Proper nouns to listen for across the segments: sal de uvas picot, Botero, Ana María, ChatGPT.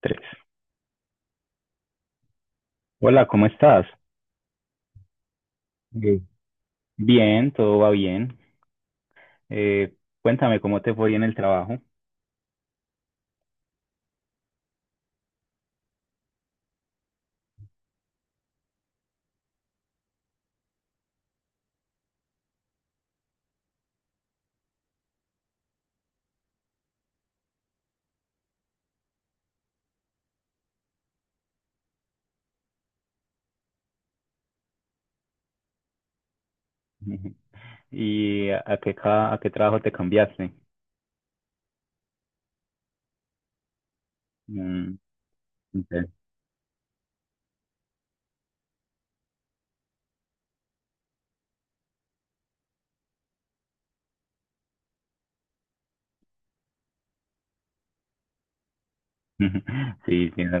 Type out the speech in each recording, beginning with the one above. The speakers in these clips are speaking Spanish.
Tres. Hola, ¿cómo estás? Ok. Bien, todo va bien. Eh, cuéntame cómo te fue en el trabajo. Ujú. Y a qué trabajo te cambiaste. Mm, ok. Sí, sí, la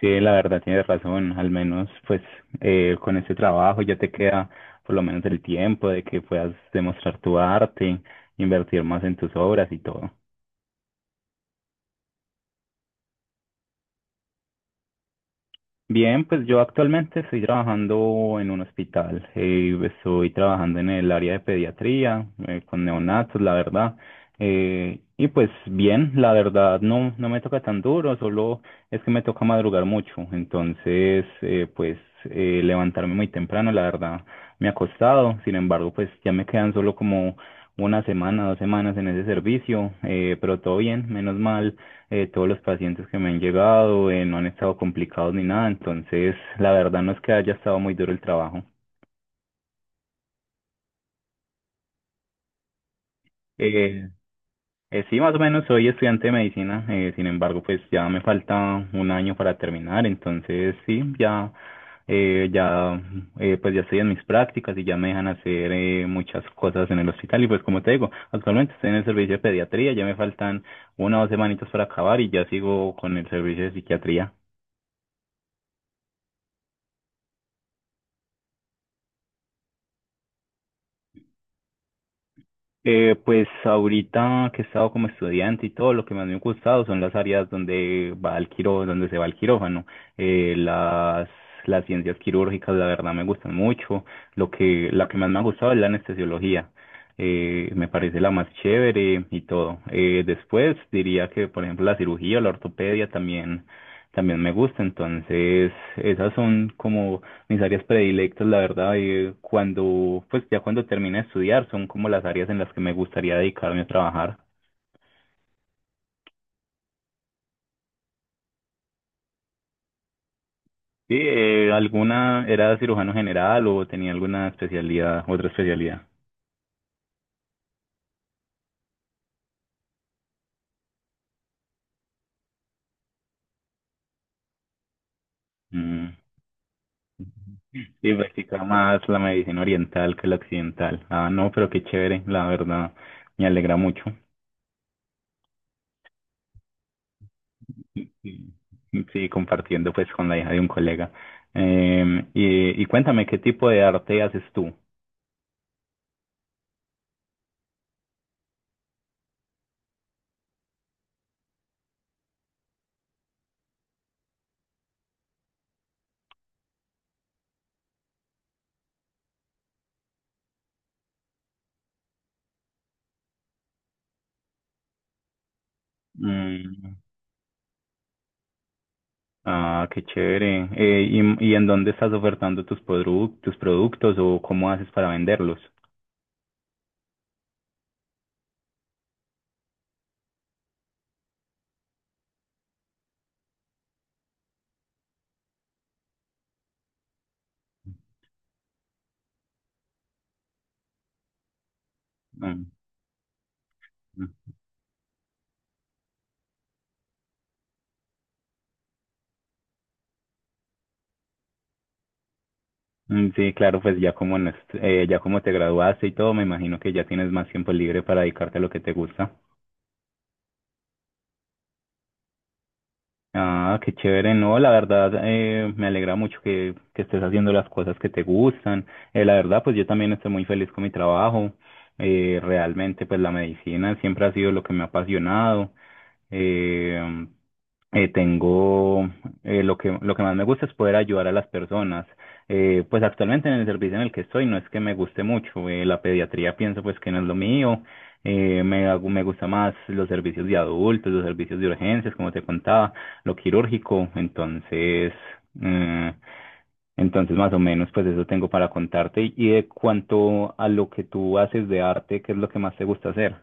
sí, la verdad tienes razón. Al menos, pues, con ese trabajo ya te queda por lo menos el tiempo de que puedas demostrar tu arte, invertir más en tus obras y todo. Bien, pues yo actualmente estoy trabajando en un hospital. Eh, estoy trabajando en el área de pediatría, con neonatos, la verdad. Eh, y pues bien, la verdad no, no me toca tan duro, solo es que me toca madrugar mucho. Entonces, pues levantarme muy temprano, la verdad, me ha costado. Sin embargo, pues ya me quedan solo como una semana, dos semanas en ese servicio, pero todo bien, menos mal, todos los pacientes que me han llegado no han estado complicados ni nada, entonces la verdad no es que haya estado muy duro el trabajo. Eh, sí, más o menos soy estudiante de medicina, sin embargo, pues ya me falta un año para terminar, entonces sí, ya, eh, ya, pues ya estoy en mis prácticas y ya me dejan hacer muchas cosas en el hospital y pues como te digo, actualmente estoy en el servicio de pediatría, ya me faltan una o dos semanitas para acabar y ya sigo con el servicio de psiquiatría. Pues ahorita que he estado como estudiante y todo, lo que más me ha gustado son las áreas donde va el quiró, donde se va el quirófano. Eh, las, las ciencias quirúrgicas, la verdad, me gustan mucho. Lo que, la que más me ha gustado es la anestesiología. Me parece la más chévere y todo. Después diría que, por ejemplo, la cirugía, la ortopedia también, también me gusta. Entonces, esas son como mis áreas predilectas, la verdad, cuando, pues ya cuando termine de estudiar, son como las áreas en las que me gustaría dedicarme a trabajar. Sí, alguna era cirujano general o tenía alguna especialidad, otra especialidad. Mm, y practicaba más la medicina oriental que la occidental. Ah, no, pero qué chévere, la verdad, me alegra mucho. Sí, sí, sí, compartiendo pues con la hija de un colega. Y cuéntame, ¿qué tipo de arte haces tú? Mm. Ah, qué chévere. Y en dónde estás ofertando tus productos o cómo haces para venderlos? Mm, mm, mm, sí, claro, pues ya como en ya como te graduaste y todo, me imagino que ya tienes más tiempo libre para dedicarte a lo que te gusta. Ah, qué chévere. No, la verdad, me alegra mucho que estés haciendo las cosas que te gustan. La verdad, pues yo también estoy muy feliz con mi trabajo. Realmente, pues la medicina siempre ha sido lo que me ha apasionado. Eh, tengo, lo que más me gusta es poder ayudar a las personas. Pues actualmente en el servicio en el que estoy no es que me guste mucho, la pediatría pienso pues que no es lo mío, me gusta más los servicios de adultos, los servicios de urgencias, como te contaba, lo quirúrgico, entonces, eh, entonces más o menos pues eso tengo para contarte y de cuanto a lo que tú haces de arte, ¿qué es lo que más te gusta hacer?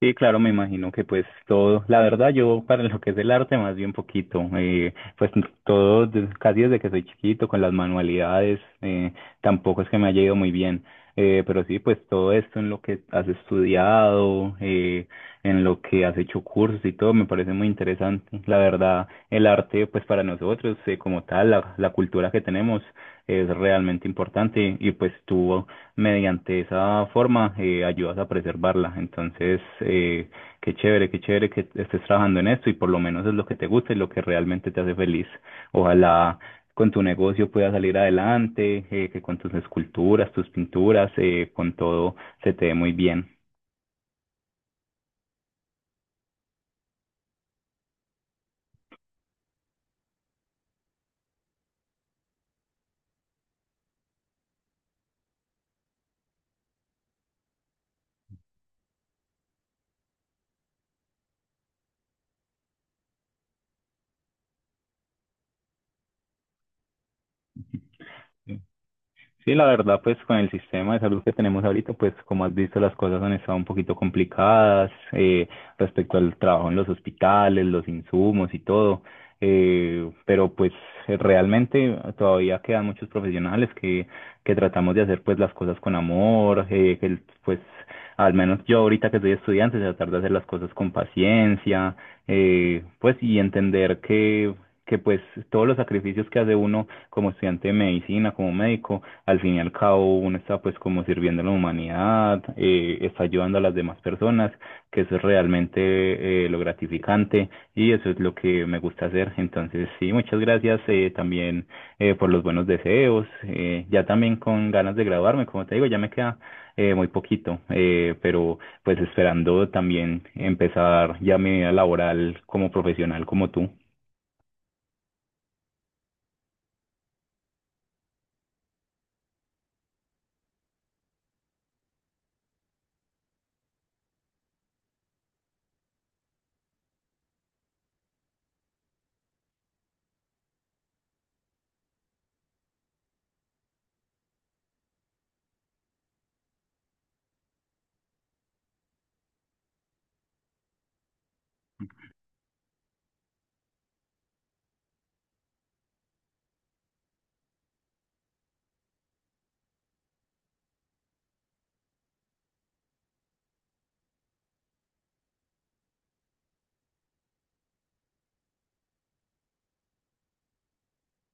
Sí, claro, me imagino que pues todo, la verdad yo para lo que es el arte más bien poquito, pues todo, casi desde que soy chiquito con las manualidades, tampoco es que me haya ido muy bien, pero sí, pues todo esto en lo que has estudiado, en lo que has hecho cursos y todo, me parece muy interesante. La verdad, el arte pues para nosotros como tal, la cultura que tenemos es realmente importante y pues tú mediante esa forma ayudas a preservarla. Entonces, qué chévere que estés trabajando en esto y por lo menos es lo que te gusta y lo que realmente te hace feliz. Ojalá con tu negocio puedas salir adelante, que con tus esculturas, tus pinturas, con todo se te dé muy bien. Sí, la verdad, pues con el sistema de salud que tenemos ahorita, pues como has visto, las cosas han estado un poquito complicadas, respecto al trabajo en los hospitales, los insumos y todo. Pero pues realmente todavía quedan muchos profesionales que tratamos de hacer pues las cosas con amor, que pues al menos yo ahorita que soy estudiante, tratar de hacer las cosas con paciencia, pues y entender que pues todos los sacrificios que hace uno como estudiante de medicina, como médico, al fin y al cabo uno está pues como sirviendo a la humanidad, está ayudando a las demás personas, que eso es realmente, lo gratificante y eso es lo que me gusta hacer. Entonces, sí, muchas gracias, también por los buenos deseos, ya también con ganas de graduarme, como te digo, ya me queda muy poquito, pero pues esperando también empezar ya mi vida laboral como profesional como tú.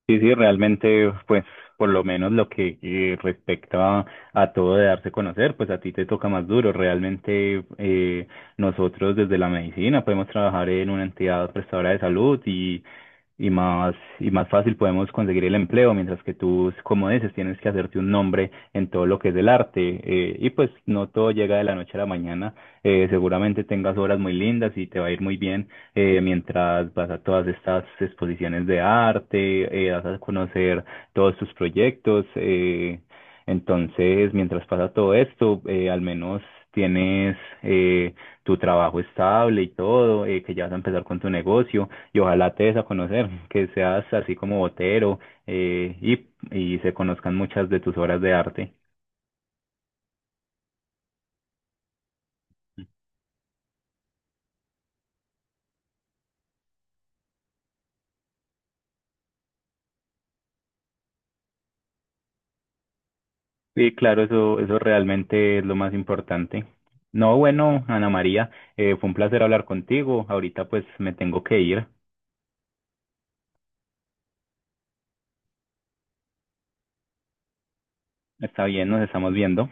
Sí, sí, realmente, pues, por lo menos lo que respecta a, todo de darse a conocer, pues a ti te toca más duro. Realmente, nosotros desde la medicina podemos trabajar en una entidad prestadora de salud y y más fácil podemos conseguir el empleo, mientras que tú, como dices, tienes que hacerte un nombre en todo lo que es el arte. Y pues no todo llega de la noche a la mañana. Seguramente tengas obras muy lindas y te va a ir muy bien mientras vas a todas estas exposiciones de arte, vas a conocer todos tus proyectos. Entonces, mientras pasa todo esto, al menos tienes eh, tu trabajo estable y todo, que ya vas a empezar con tu negocio y ojalá te des a conocer, que seas así como Botero, eh, y, y se conozcan muchas de tus obras de arte. Sí, claro, eso realmente es lo más importante. No, bueno, Ana María, fue un placer hablar contigo. Ahorita pues me tengo que ir. Está bien, nos estamos viendo.